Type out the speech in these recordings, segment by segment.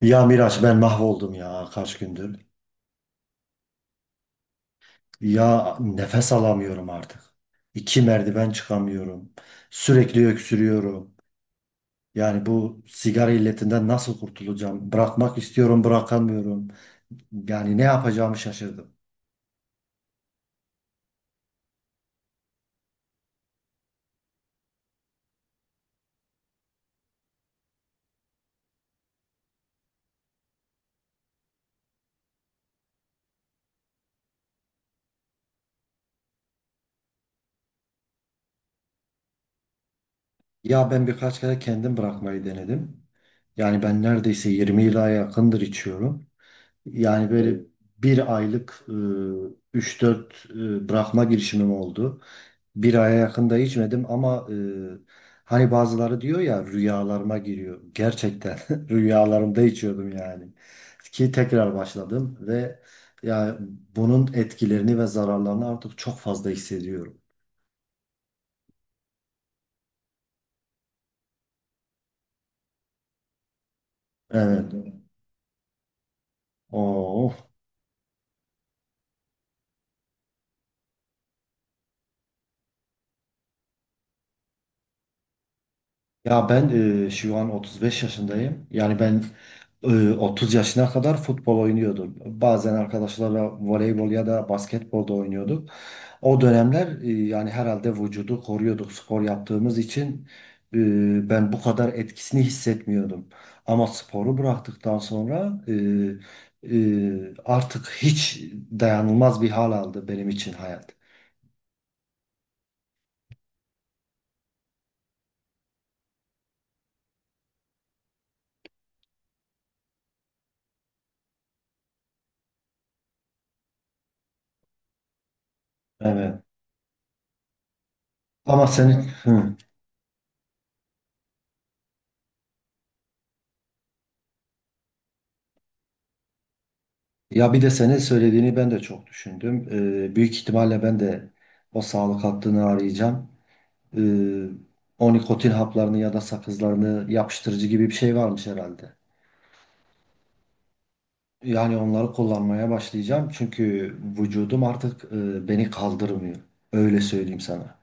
Ya Miraç ben mahvoldum ya kaç gündür. Ya nefes alamıyorum artık. İki merdiven çıkamıyorum. Sürekli öksürüyorum. Yani bu sigara illetinden nasıl kurtulacağım? Bırakmak istiyorum, bırakamıyorum. Yani ne yapacağımı şaşırdım. Ya ben birkaç kere kendim bırakmayı denedim. Yani ben neredeyse 20 yıla yakındır içiyorum. Yani böyle, Evet, bir aylık 3-4 bırakma girişimim oldu. Bir aya yakında içmedim ama hani bazıları diyor ya rüyalarıma giriyor. Gerçekten rüyalarımda içiyordum yani. Ki tekrar başladım ve ya bunun etkilerini ve zararlarını artık çok fazla hissediyorum. Evet. Oo. Ya ben şu an 35 yaşındayım. Yani ben e, 30 yaşına kadar futbol oynuyordum. Bazen arkadaşlarla voleybol ya da basketbol da oynuyorduk. O dönemler yani herhalde vücudu koruyorduk spor yaptığımız için ben bu kadar etkisini hissetmiyordum. Ama sporu bıraktıktan sonra artık hiç dayanılmaz bir hal aldı benim için hayat. Evet. Ama senin hı. Ya bir de senin söylediğini ben de çok düşündüm. Büyük ihtimalle ben de o sağlık hattını arayacağım. e, O nikotin haplarını ya da sakızlarını yapıştırıcı gibi bir şey varmış herhalde. Yani onları kullanmaya başlayacağım çünkü vücudum artık beni kaldırmıyor. Öyle söyleyeyim sana.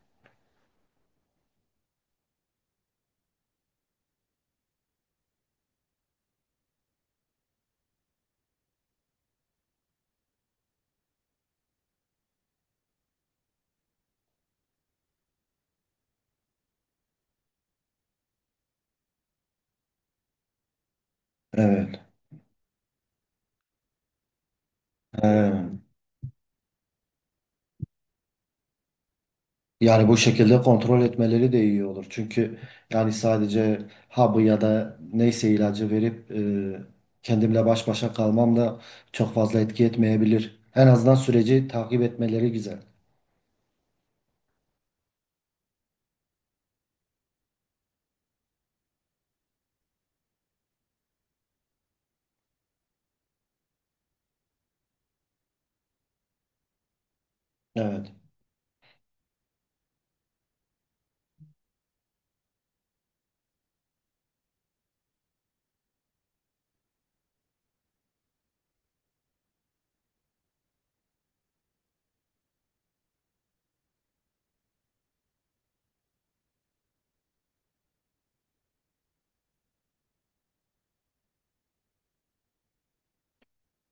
Evet. He. Yani bu şekilde kontrol etmeleri de iyi olur. Çünkü yani sadece hapı ya da neyse ilacı verip kendimle baş başa kalmam da çok fazla etki etmeyebilir. En azından süreci takip etmeleri güzel. Evet.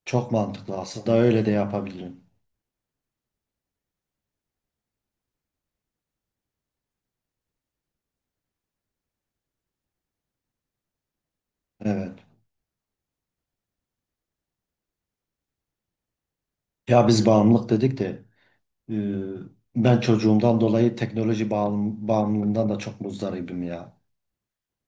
Çok mantıklı. Aslında öyle de yapabilirim. Evet. Ya biz bağımlılık dedik de e, ben çocuğumdan dolayı teknoloji bağımlılığından da çok muzdaribim ya.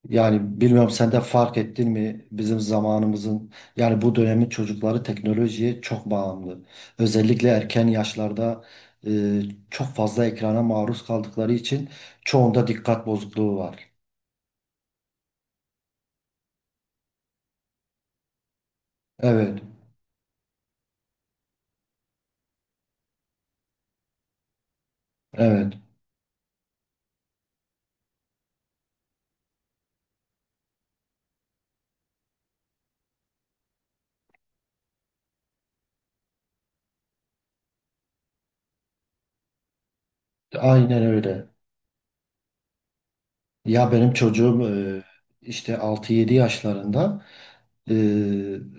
Yani bilmiyorum sen de fark ettin mi bizim zamanımızın yani bu dönemin çocukları teknolojiye çok bağımlı. Özellikle erken yaşlarda e, çok fazla ekrana maruz kaldıkları için çoğunda dikkat bozukluğu var. Evet, evet, aynen öyle. Ya benim çocuğum işte altı yedi yaşlarında e,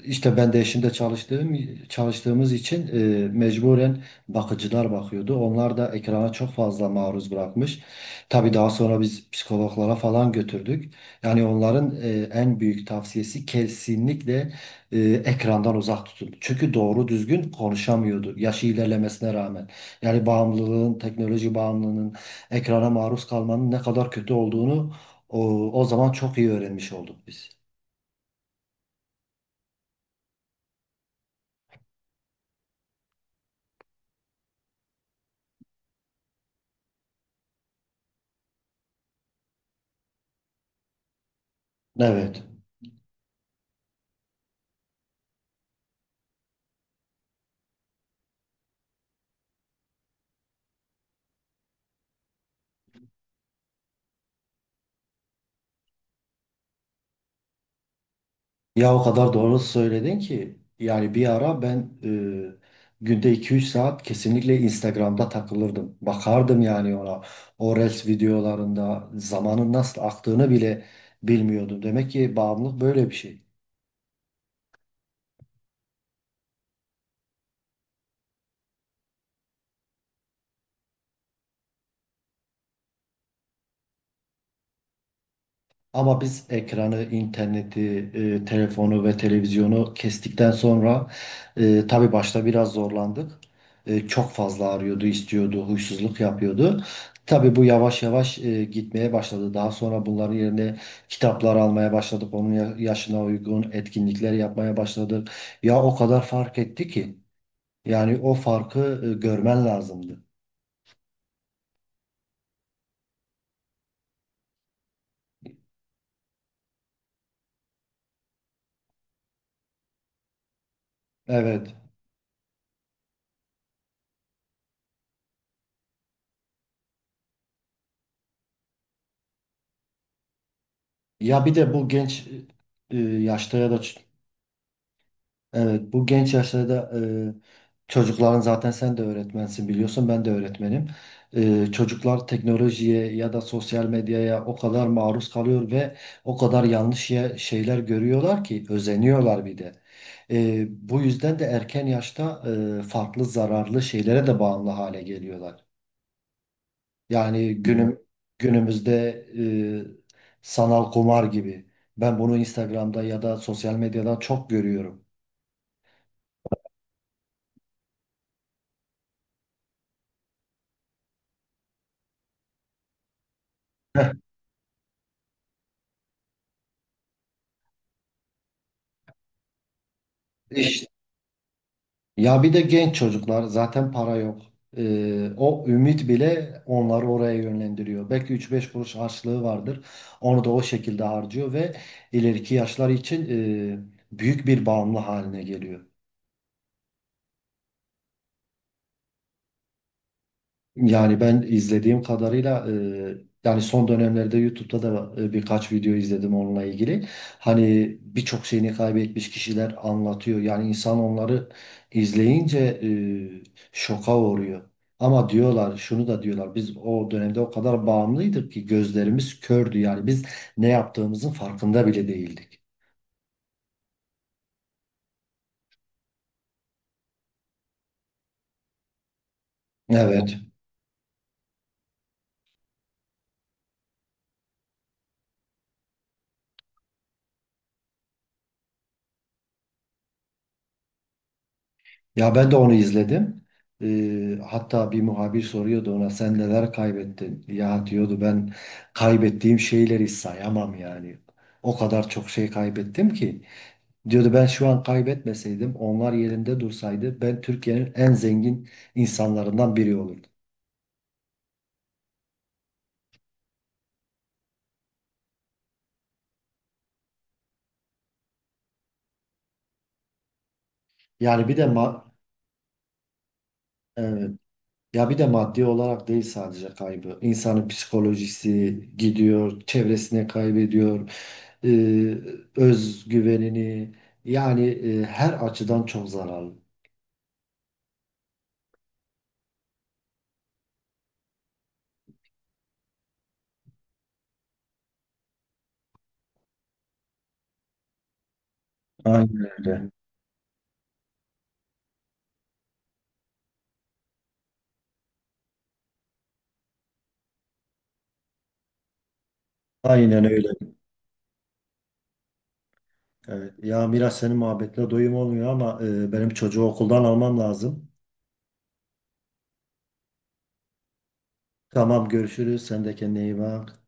işte ben de eşimde çalıştığımız için mecburen bakıcılar bakıyordu. Onlar da ekrana çok fazla maruz bırakmış. Tabii daha sonra biz psikologlara falan götürdük. Yani onların en büyük tavsiyesi kesinlikle ekrandan uzak tutun. Çünkü doğru düzgün konuşamıyordu yaşı ilerlemesine rağmen. Yani bağımlılığın, teknoloji bağımlılığının ekrana maruz kalmanın ne kadar kötü olduğunu o, o zaman çok iyi öğrenmiş olduk biz. Evet. Ya o kadar doğru söyledin ki yani bir ara ben günde 2-3 saat kesinlikle Instagram'da takılırdım. Bakardım yani ona. O Reels videolarında zamanın nasıl aktığını bile bilmiyordum. Demek ki bağımlılık böyle bir şey. Ama biz ekranı, interneti, telefonu ve televizyonu kestikten sonra tabii başta biraz zorlandık. Çok fazla arıyordu, istiyordu, huysuzluk yapıyordu. Tabii bu yavaş yavaş gitmeye başladı. Daha sonra bunların yerine kitaplar almaya başladık. Onun yaşına uygun etkinlikler yapmaya başladık. Ya o kadar fark etti ki. Yani o farkı görmen lazımdı. Evet. Ya bir de bu genç yaşta ya da, Evet, bu genç yaşlarda çocukların zaten, sen de öğretmensin biliyorsun, ben de öğretmenim. Çocuklar teknolojiye ya da sosyal medyaya o kadar maruz kalıyor ve o kadar yanlış şeyler görüyorlar ki özeniyorlar bir de. Bu yüzden de erken yaşta farklı zararlı şeylere de bağımlı hale geliyorlar. Yani, Evet, günümüzde sanal kumar gibi. Ben bunu Instagram'da ya da sosyal medyadan çok görüyorum. Ya bir de genç çocuklar zaten para yok. O ümit bile onları oraya yönlendiriyor. Belki üç beş kuruş harçlığı vardır. Onu da o şekilde harcıyor ve ileriki yaşlar için büyük bir bağımlı haline geliyor. Yani ben izlediğim kadarıyla yani son dönemlerde YouTube'da da birkaç video izledim onunla ilgili. Hani birçok şeyini kaybetmiş kişiler anlatıyor. Yani insan onları izleyince şoka uğruyor. Ama diyorlar, şunu da diyorlar, biz o dönemde o kadar bağımlıydık ki gözlerimiz kördü. Yani biz ne yaptığımızın farkında bile değildik. Evet. Ya ben de onu izledim. Hatta bir muhabir soruyordu ona, sen neler kaybettin? Ya diyordu, ben kaybettiğim şeyleri sayamam yani. O kadar çok şey kaybettim ki. Diyordu ben şu an kaybetmeseydim, onlar yerinde dursaydı, ben Türkiye'nin en zengin insanlarından biri olurdum. Yani bir de evet. Ya bir de maddi olarak değil sadece kaybı. İnsanın psikolojisi gidiyor, çevresine kaybediyor, e, özgüvenini. Yani her açıdan çok zararlı. Aynen öyle. Aynen öyle. Evet. Ya Miras, senin muhabbetle doyum olmuyor ama benim çocuğu okuldan almam lazım. Tamam, görüşürüz. Sen de kendine iyi bak.